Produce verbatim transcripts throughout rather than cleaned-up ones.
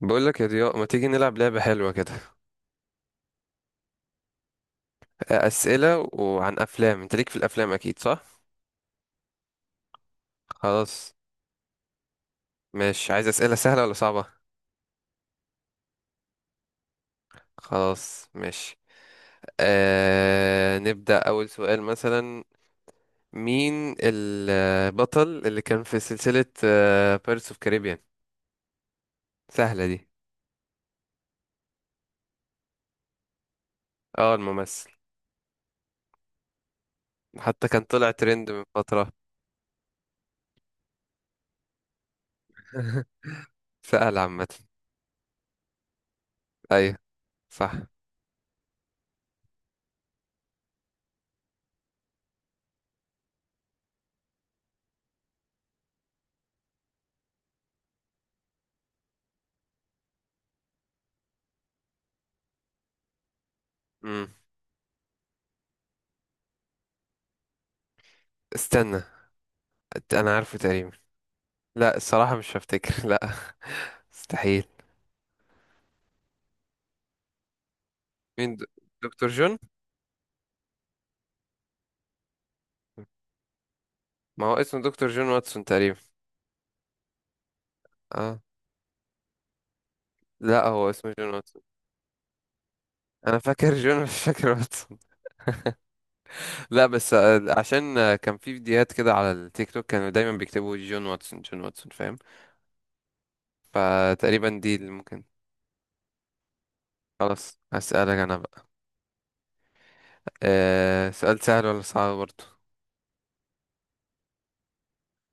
بقول لك يا ضياء، ما تيجي نلعب لعبة حلوة كده؟ آه، أسئلة وعن أفلام، أنت ليك في الأفلام أكيد صح؟ خلاص. ماشي، عايز أسئلة سهلة ولا صعبة؟ خلاص ماشي. آه... نبدأ أول سؤال مثلا: مين البطل اللي كان في سلسلة بيرس اوف كاريبيان؟ سهلة دي. اه الممثل. حتى كان طلع ترند من فترة. سهل عامة. أيوه صح. مم. استنى، أنا عارفه تقريبا. لا الصراحة مش هفتكر. لا، مستحيل. مين د- دكتور جون. ما هو اسمه دكتور جون واتسون تقريبا. اه. لا هو اسمه جون واتسون. انا فاكر جون مش فاكر واتسون. لا بس آه، عشان آه، كان في فيديوهات كده على التيك توك، كانوا دايما بيكتبوا جون واتسون جون واتسون، فاهم؟ فتقريبا دي اللي ممكن. خلاص هسألك انا بقى. آه، سؤال سهل ولا صعب برضه؟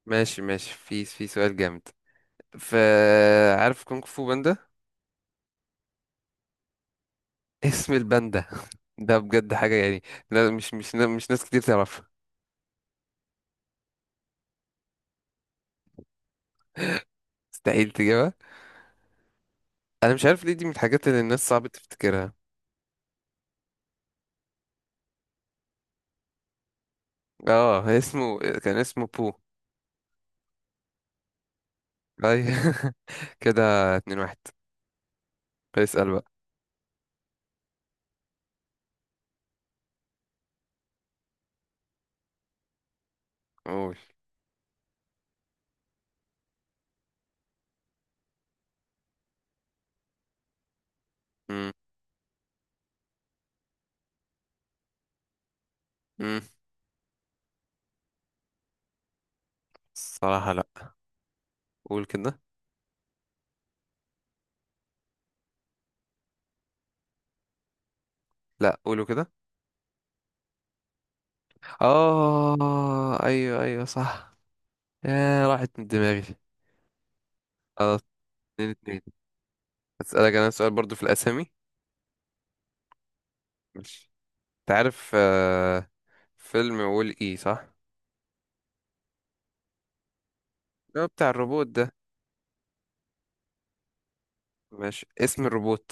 ماشي ماشي، في في سؤال جامد. ف عارف كونغ فو باندا؟ اسم الباندا. ده بجد حاجة يعني. لا، مش مش مش ناس كتير تعرفها. مستحيل تجيبها. انا مش عارف ليه، دي من الحاجات اللي الناس صعب تفتكرها. اه، هي اسمه كان اسمه بو. اي كده، اتنين واحد. اسأل بقى. قول. مم. مم. الصراحة لا. قول كده. لا قولوا كده. اه ايوه ايوه صح. يا راحت من دماغي. خلاص، اتنين اتنين. هسألك انا سؤال برضو في الاسامي. ماشي. انت عارف آه، فيلم وول اي صح؟ اللي هو بتاع الروبوت ده. ماشي، اسم الروبوت.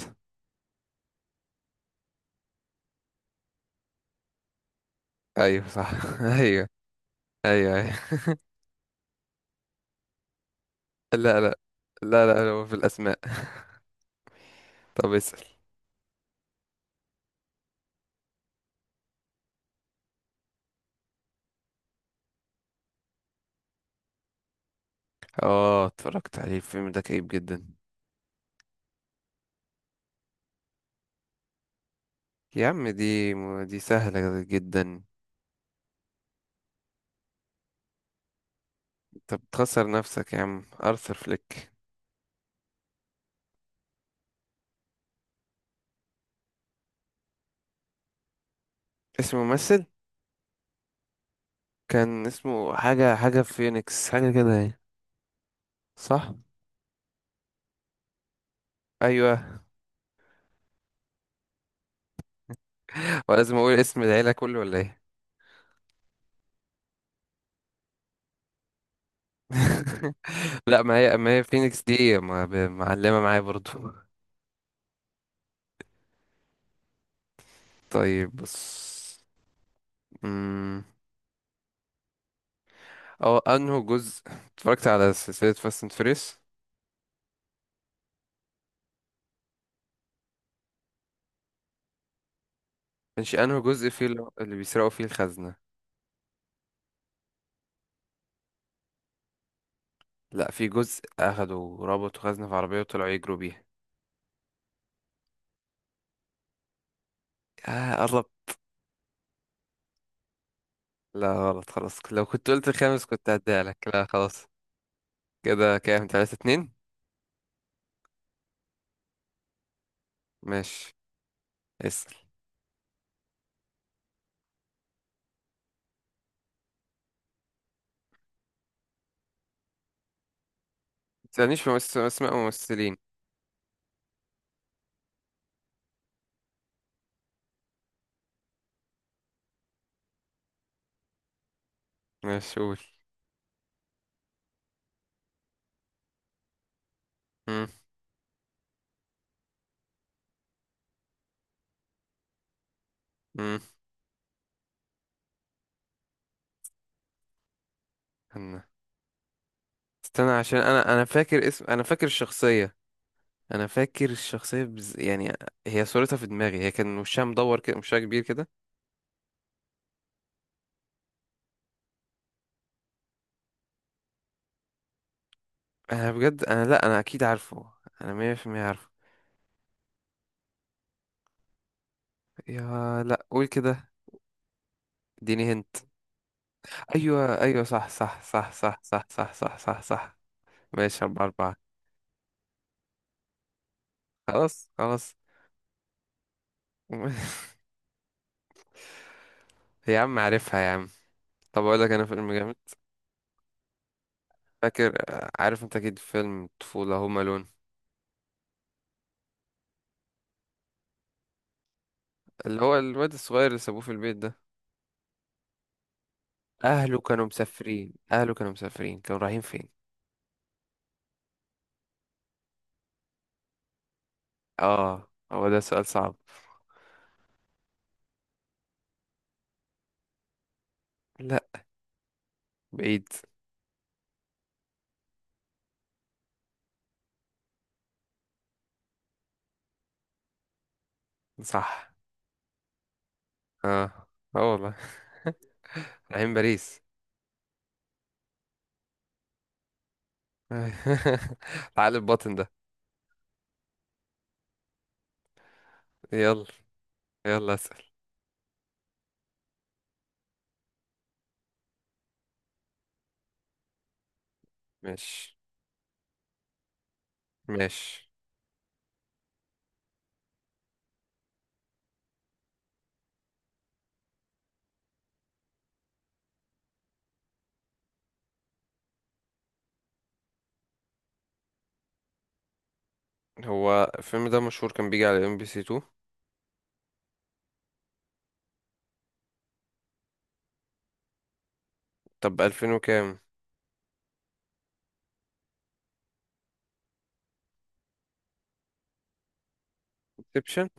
ايوه صح. ايوه ايوه ايوه. لا لا لا، لا هو في الأسماء. طب اسأل. اه اتفرجت عليه، الفيلم ده كئيب جدا. يا عم دي، دي سهلة جدا. طب تخسر نفسك يا عم، أرثر فليك. اسمه ممثل؟ كان اسمه حاجة حاجة فينيكس حاجة كده يعني. صح. أيوه. ولازم أقول اسم العيلة كله ولا إيه؟ لا، ما هي ما هي فينيكس دي ما- ب- معلمة معايا برضو. طيب بص، أمم، اه أنه جزء اتفرجت على سلسلة فاست اند فيريس. مش انه جزء فيه اللي اللي بيسرقوا فيه الخزنة؟ لا في جزء اخدوا ربطوا خزنة في عربية وطلعوا يجروا بيها. اه قرب. لا غلط، خلاص، لو كنت قلت الخامس كنت هديها لك. لا خلاص. كده كام، تلاتة اتنين. ماشي اسأل. متسألنيش في ممس- اسماء ممثلين. ماشي قول. مم، مم. استنى استنى عشان انا انا فاكر اسم، انا فاكر الشخصية. انا فاكر الشخصية بز... يعني هي صورتها في دماغي، هي كان وشها مدور كده، وشها كبير كده. انا بجد انا، لا انا اكيد عارفه. انا مية في المية عارفه. يا لا قول كده، اديني هنت. ايوه ايوه صح صح صح صح صح صح صح صح صح. ماشي، اربعة اربعة. خلاص خلاص. يا عم عارفها يا عم. طب اقول لك انا فيلم جامد. فاكر آه، عارف انت اكيد فيلم طفولة، هوم الون؟ اللي هو الواد الصغير اللي سابوه في البيت ده. اهله كانوا مسافرين، اهله كانوا مسافرين، كانوا رايحين فين؟ اه. هو ده سؤال صعب. لا بعيد. صح. اه، اه والله. رايحين باريس. العقل الباطن ده. يلا. يلا اسأل. ماشي ماشي. هو الفيلم ده مشهور، كان بيجي على ام بي سي اتنين. طب ألفين وكام؟ انسبشن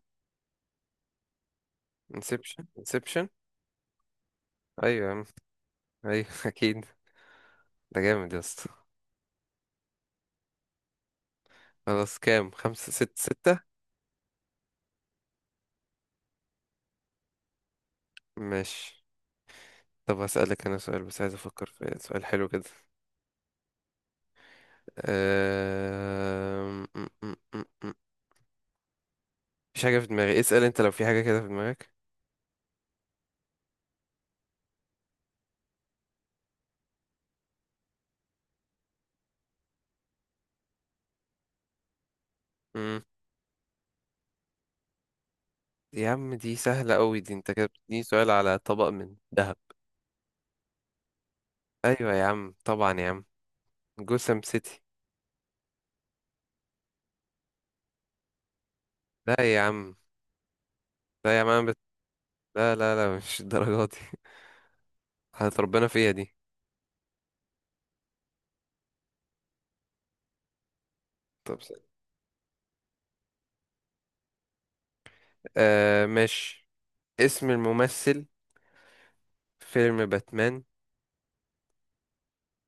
انسبشن انسبشن. ايوه يا عم. ايوه اكيد. ده جامد يا اسطى. خلاص كام، خمسة ست ستة. ماشي. طب هسألك انا سؤال، بس عايز افكر في سؤال حلو كده. أم... م- م- م- م. مفيش حاجة في دماغي. اسأل انت لو في حاجة كده في دماغك. مم. يا عم دي سهلة قوي دي، انت كده بتديني سؤال على طبق من ذهب. ايوه يا عم طبعا يا عم. جوسم سيتي. لا يا عم، لا يا عم، أنا بت... لا لا لا، مش الدرجات دي. هتربنا فيها دي. طب س- آه ماشي. اسم الممثل، فيلم باتمان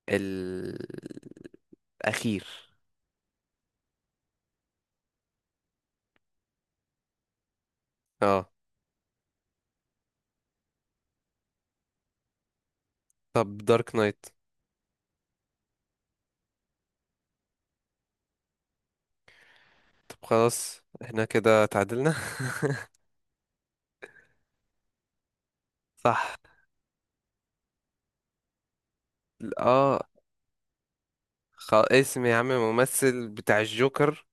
الأخير. اه. طب دارك نايت. طب خلاص احنا كده تعادلنا. صح. اه، خ... اسم يا عم الممثل بتاع الجوكر،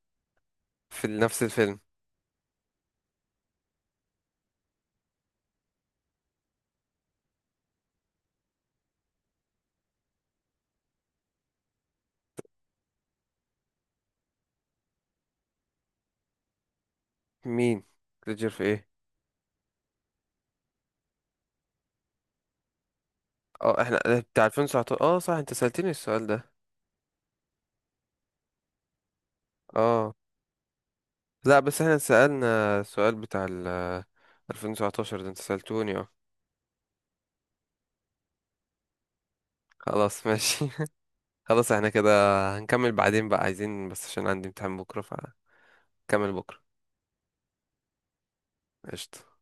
في نفس الفيلم. مين؟ ليدجر في ايه؟ اه احنا بتاع ألفين وتسعتاشر، اه صح، انت سألتني السؤال ده. اه. لا بس احنا سألنا السؤال بتاع ال ألفين وتسعتاشر ده، انت سألتوني اه. خلاص ماشي. خلاص احنا كده. هنكمل بعدين بقى، عايزين بس عشان عندي امتحان بكرة فنكمل بكرة. قشطة.